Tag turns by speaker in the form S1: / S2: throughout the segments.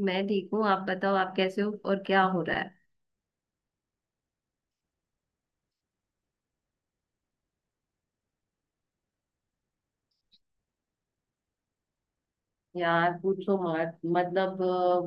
S1: मैं ठीक हूँ। आप बताओ, आप कैसे हो और क्या हो रहा है? यार पूछो मत, मतलब।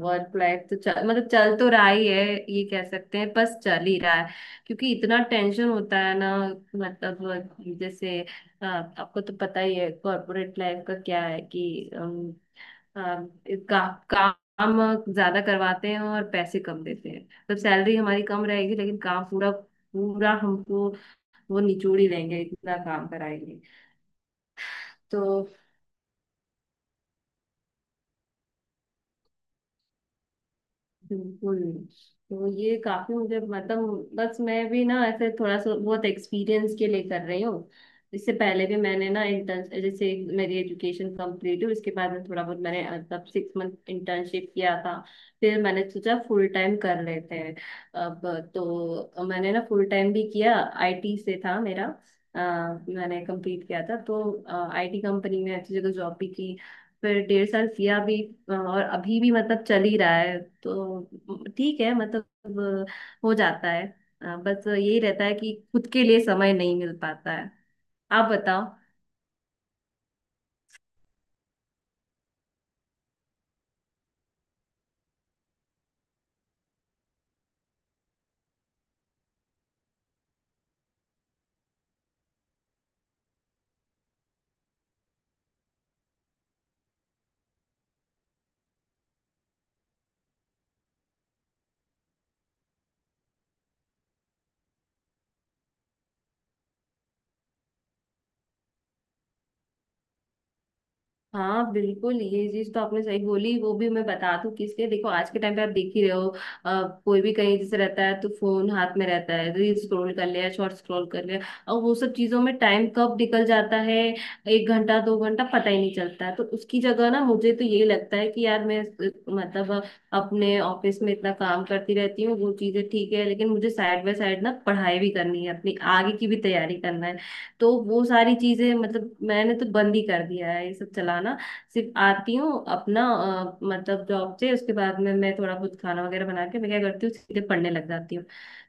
S1: वर्क लाइफ तो चल तो रहा ही है। ये कह सकते हैं बस चल ही रहा है। क्योंकि इतना टेंशन होता है ना, मतलब जैसे, आपको तो पता ही है कॉर्पोरेट लाइफ का क्या है कि अम, का, काम ज्यादा करवाते हैं और पैसे कम देते हैं, मतलब सैलरी हमारी कम रहेगी लेकिन काम पूरा पूरा हमको वो निचोड़ ही लेंगे, इतना काम कराएंगे। तो बिल्कुल। तो ये काफी मुझे, मतलब बस मैं भी ना ऐसे थोड़ा सा बहुत एक्सपीरियंस के लिए कर रही हूँ। इससे पहले भी मैंने ना इंटर्न जैसे, मेरी एजुकेशन कंप्लीट हुई उसके बाद में थोड़ा बहुत मैंने तब 6 मंथ इंटर्नशिप किया था। फिर मैंने सोचा फुल टाइम कर लेते हैं। अब तो मैंने ना फुल टाइम भी किया। आईटी से था मेरा, अ, मैंने कंप्लीट किया था तो आईटी कंपनी में अच्छी जगह जॉब भी की। फिर 1.5 साल किया भी और अभी भी मतलब चल ही रहा है, तो ठीक है मतलब, हो जाता है। बस यही रहता है कि खुद के लिए समय नहीं मिल पाता है। आप बताओ। हाँ बिल्कुल, ये चीज तो आपने सही बोली। वो भी मैं बता दूं किसलिए। देखो, आज के टाइम पे आप देख ही रहे हो। कोई भी कहीं जैसे रहता है तो फोन हाथ में रहता है, रील स्क्रॉल कर लिया, शॉर्ट स्क्रॉल कर लिया और वो सब चीजों में टाइम कब निकल जाता है। 1 घंटा 2 घंटा पता ही नहीं चलता है। तो उसकी जगह ना मुझे तो यही लगता है कि यार मैं मतलब, अपने ऑफिस में इतना काम करती रहती हूँ। वो चीजें ठीक है, लेकिन मुझे साइड बाय साइड ना पढ़ाई भी करनी है, अपनी आगे की भी तैयारी करना है। तो वो सारी चीजें मतलब मैंने तो बंद ही कर दिया है ये सब चलाना। सिर्फ आती हूँ अपना, मतलब जॉब से, उसके बाद में मैं थोड़ा बहुत खाना वगैरह बना के मैं क्या करती हूँ सीधे पढ़ने लग जाती हूँ।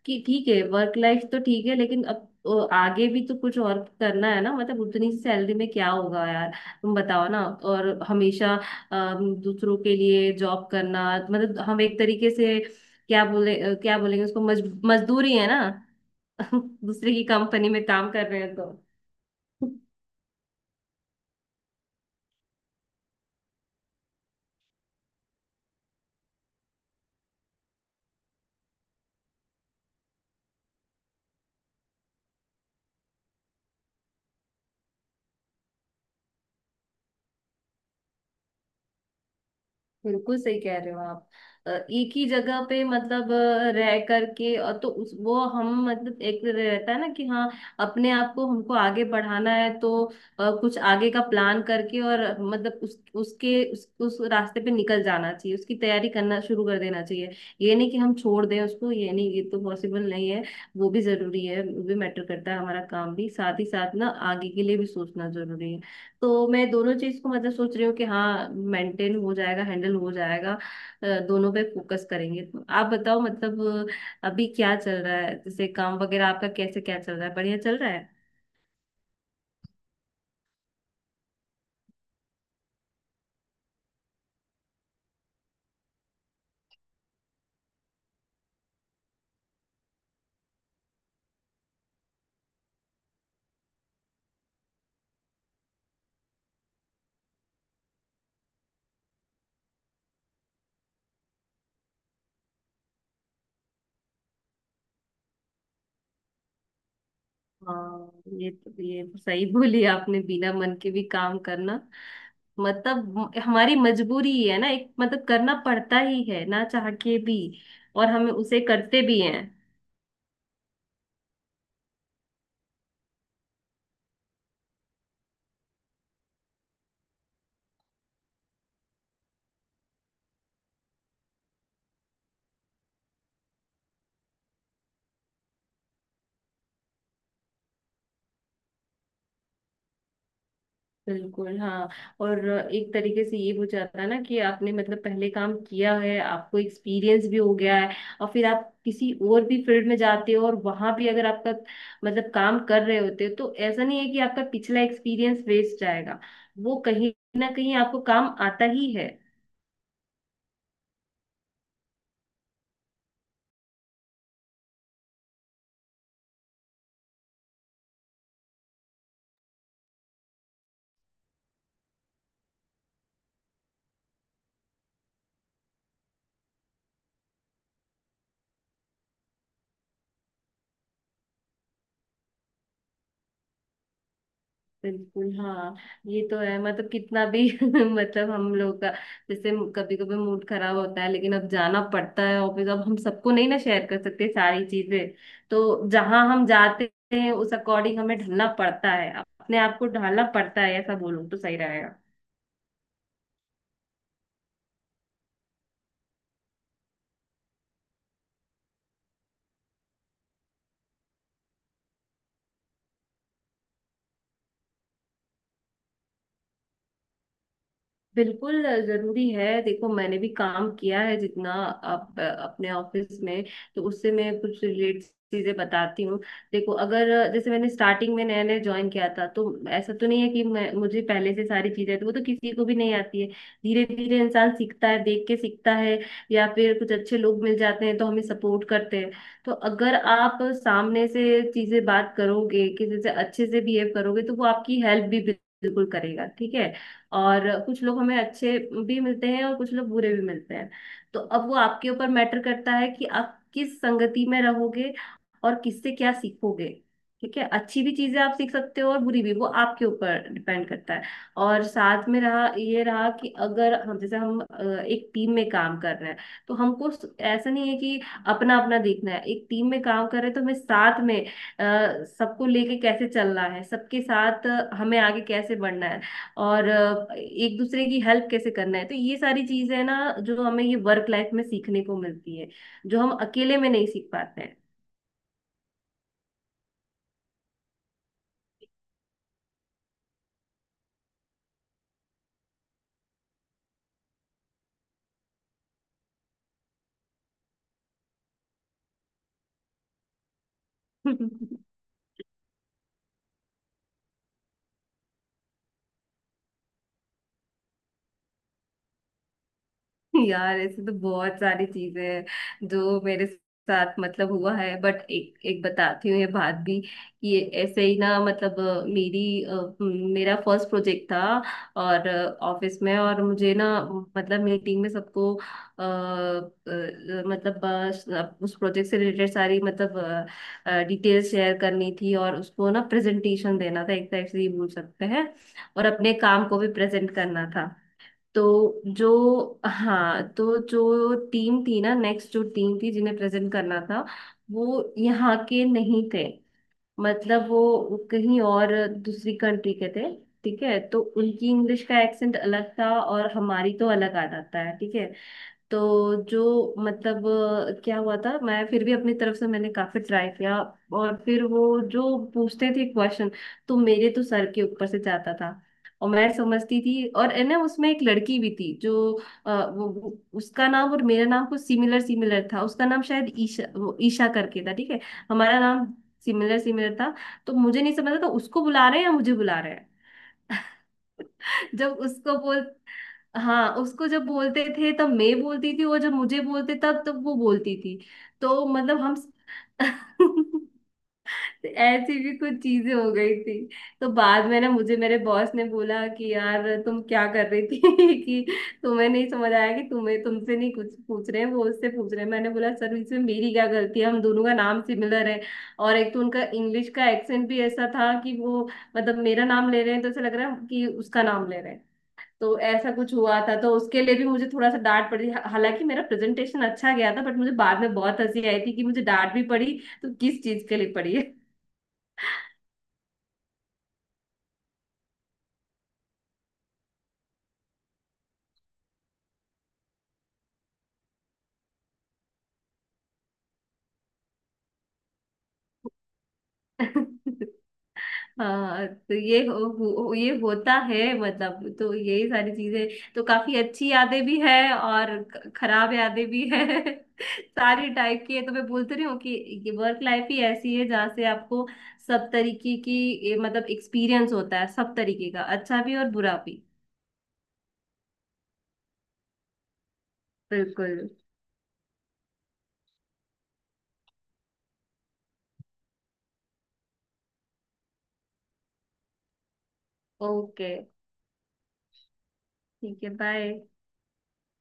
S1: कि ठीक है, वर्क लाइफ तो ठीक है, लेकिन अब आगे भी तो कुछ और करना है ना, मतलब उतनी सी सैलरी में क्या होगा यार। तुम बताओ ना। और हमेशा दूसरों के लिए जॉब करना, मतलब हम एक तरीके से क्या बोले, क्या बोलेंगे उसको, मजदूरी है ना। दूसरे की कंपनी में काम कर रहे हैं तो। बिल्कुल सही कह रहे हो आप। एक ही जगह पे मतलब रह करके और, तो उस वो हम मतलब एक रहता है ना कि हाँ, अपने आप को हमको आगे बढ़ाना है तो कुछ आगे का प्लान करके और मतलब उस रास्ते पे निकल जाना चाहिए, उसकी तैयारी करना शुरू कर देना चाहिए। ये नहीं कि हम छोड़ दें उसको, ये नहीं, ये तो पॉसिबल नहीं है। वो भी जरूरी है, वो भी मैटर करता है, हमारा काम भी साथ ही साथ ना आगे के लिए भी सोचना जरूरी है। तो मैं दोनों चीज को मतलब सोच रही हूँ कि हाँ मेंटेन हो जाएगा, हैंडल हो जाएगा, दोनों पे फोकस करेंगे। तो आप बताओ मतलब अभी क्या चल रहा है, जैसे काम वगैरह आपका कैसे क्या चल रहा है, बढ़िया चल रहा है? हाँ, ये तो सही बोली आपने, बिना मन के भी काम करना। मतलब हमारी मजबूरी ही है ना एक, मतलब करना पड़ता ही है ना चाह के भी। और हमें उसे करते भी हैं। बिल्कुल हाँ। और एक तरीके से ये हो जाता है ना कि आपने मतलब पहले काम किया है, आपको एक्सपीरियंस भी हो गया है, और फिर आप किसी और भी फील्ड में जाते हो और वहां भी अगर आपका मतलब काम कर रहे होते हो तो ऐसा नहीं है कि आपका पिछला एक्सपीरियंस वेस्ट जाएगा। वो कहीं ना कहीं आपको काम आता ही है। बिल्कुल हाँ, ये तो है मतलब कितना भी मतलब हम लोग का, जैसे कभी कभी मूड खराब होता है लेकिन अब जाना पड़ता है ऑफिस। अब हम सबको नहीं ना शेयर कर सकते सारी चीजें। तो जहाँ हम जाते हैं उस अकॉर्डिंग हमें ढलना पड़ता है, अपने आप को ढालना पड़ता है, ऐसा बोलूँ तो सही रहेगा। बिल्कुल जरूरी है। देखो, मैंने भी काम किया है जितना आप अपने ऑफिस में, तो उससे मैं कुछ रिलेट चीजें बताती हूँ। देखो, अगर जैसे मैंने स्टार्टिंग में नया नया ज्वाइन किया था, तो ऐसा तो नहीं है कि मैं, मुझे पहले से सारी चीजें तो, वो तो किसी को भी नहीं आती है। धीरे धीरे इंसान सीखता है, देख के सीखता है। या फिर कुछ अच्छे लोग मिल जाते हैं तो हमें सपोर्ट करते हैं। तो अगर आप सामने से चीजें बात करोगे, किसी से अच्छे से बिहेव करोगे, तो वो आपकी हेल्प भी बिल्कुल करेगा, ठीक है। और कुछ लोग हमें अच्छे भी मिलते हैं और कुछ लोग बुरे भी मिलते हैं। तो अब वो आपके ऊपर मैटर करता है कि आप किस संगति में रहोगे और किससे क्या सीखोगे। ठीक है, अच्छी भी चीजें आप सीख सकते हो और बुरी भी, वो आपके ऊपर डिपेंड करता है। और साथ में रहा ये रहा कि अगर हम, जैसे हम एक टीम में काम कर रहे हैं, तो हमको ऐसा नहीं है कि अपना अपना देखना है। एक टीम में काम कर रहे हैं तो हमें साथ में सबको लेके कैसे चलना है, सबके साथ हमें आगे कैसे बढ़ना है, और एक दूसरे की हेल्प कैसे करना है। तो ये सारी चीजें ना जो हमें ये वर्क लाइफ में सीखने को मिलती है, जो हम अकेले में नहीं सीख पाते हैं। यार ऐसे तो बहुत सारी चीजें हैं जो मेरे साथ मतलब हुआ है, बट एक एक बताती हूँ ये बात भी कि ये ऐसे ही ना मतलब मेरा फर्स्ट प्रोजेक्ट था। और ऑफिस में। और मुझे ना मतलब मीटिंग में सबको मतलब उस प्रोजेक्ट से रिलेटेड सारी मतलब डिटेल्स शेयर करनी थी, और उसको ना प्रेजेंटेशन देना था, एक टाइप से ये बोल सकते हैं। और अपने काम को भी प्रेजेंट करना था। तो जो, हाँ, तो जो टीम थी ना, नेक्स्ट जो टीम थी जिन्हें प्रेजेंट करना था, वो यहाँ के नहीं थे, मतलब वो कहीं और, दूसरी कंट्री के थे, ठीक है। तो उनकी इंग्लिश का एक्सेंट अलग था और हमारी तो अलग आ जाता है, ठीक है। तो जो मतलब क्या हुआ था, मैं फिर भी अपनी तरफ से मैंने काफी ट्राई किया। और फिर वो जो पूछते थे क्वेश्चन, तो मेरे तो सर के ऊपर से जाता था। और मैं समझती थी। और है ना उसमें एक लड़की भी थी जो उसका नाम और मेरा नाम कुछ सिमिलर सिमिलर था। उसका नाम शायद ईशा, वो ईशा करके था, ठीक है। हमारा नाम सिमिलर सिमिलर था। तो मुझे नहीं समझ था उसको बुला रहे हैं या मुझे बुला रहे हैं। जब उसको बोल हाँ, उसको जब बोलते थे तब मैं बोलती थी, और जब मुझे बोलते तब तब वो बोलती थी। तो मतलब हम, ऐसी भी कुछ चीजें हो गई थी। तो बाद में ना मुझे मेरे बॉस ने बोला कि यार तुम क्या कर रही थी, कि तुम्हें नहीं समझ आया कि तुम्हें तुमसे नहीं कुछ पूछ रहे हैं, वो उससे पूछ रहे हैं। मैंने बोला, सर, इसमें मेरी क्या गलती है, हम दोनों का नाम सिमिलर है। और एक तो उनका इंग्लिश का एक्सेंट भी ऐसा था कि वो मतलब मेरा नाम ले रहे हैं तो ऐसा लग रहा है कि उसका नाम ले रहे हैं। तो ऐसा कुछ हुआ था, तो उसके लिए भी मुझे थोड़ा सा डांट पड़ी, हालांकि मेरा प्रेजेंटेशन अच्छा गया था, बट मुझे बाद में बहुत हंसी आई थी कि मुझे डांट भी पड़ी तो किस चीज के लिए पड़ी है। हाँ, तो ये ये होता है मतलब, तो यही सारी चीजें तो काफी अच्छी यादें भी है और खराब यादें भी है। सारी टाइप की है। तो मैं बोलती रही हूँ कि ये वर्क लाइफ ही ऐसी है जहाँ से आपको सब तरीके की, ये मतलब एक्सपीरियंस होता है, सब तरीके का, अच्छा भी और बुरा भी। बिल्कुल। ओके, ठीक है, बाय।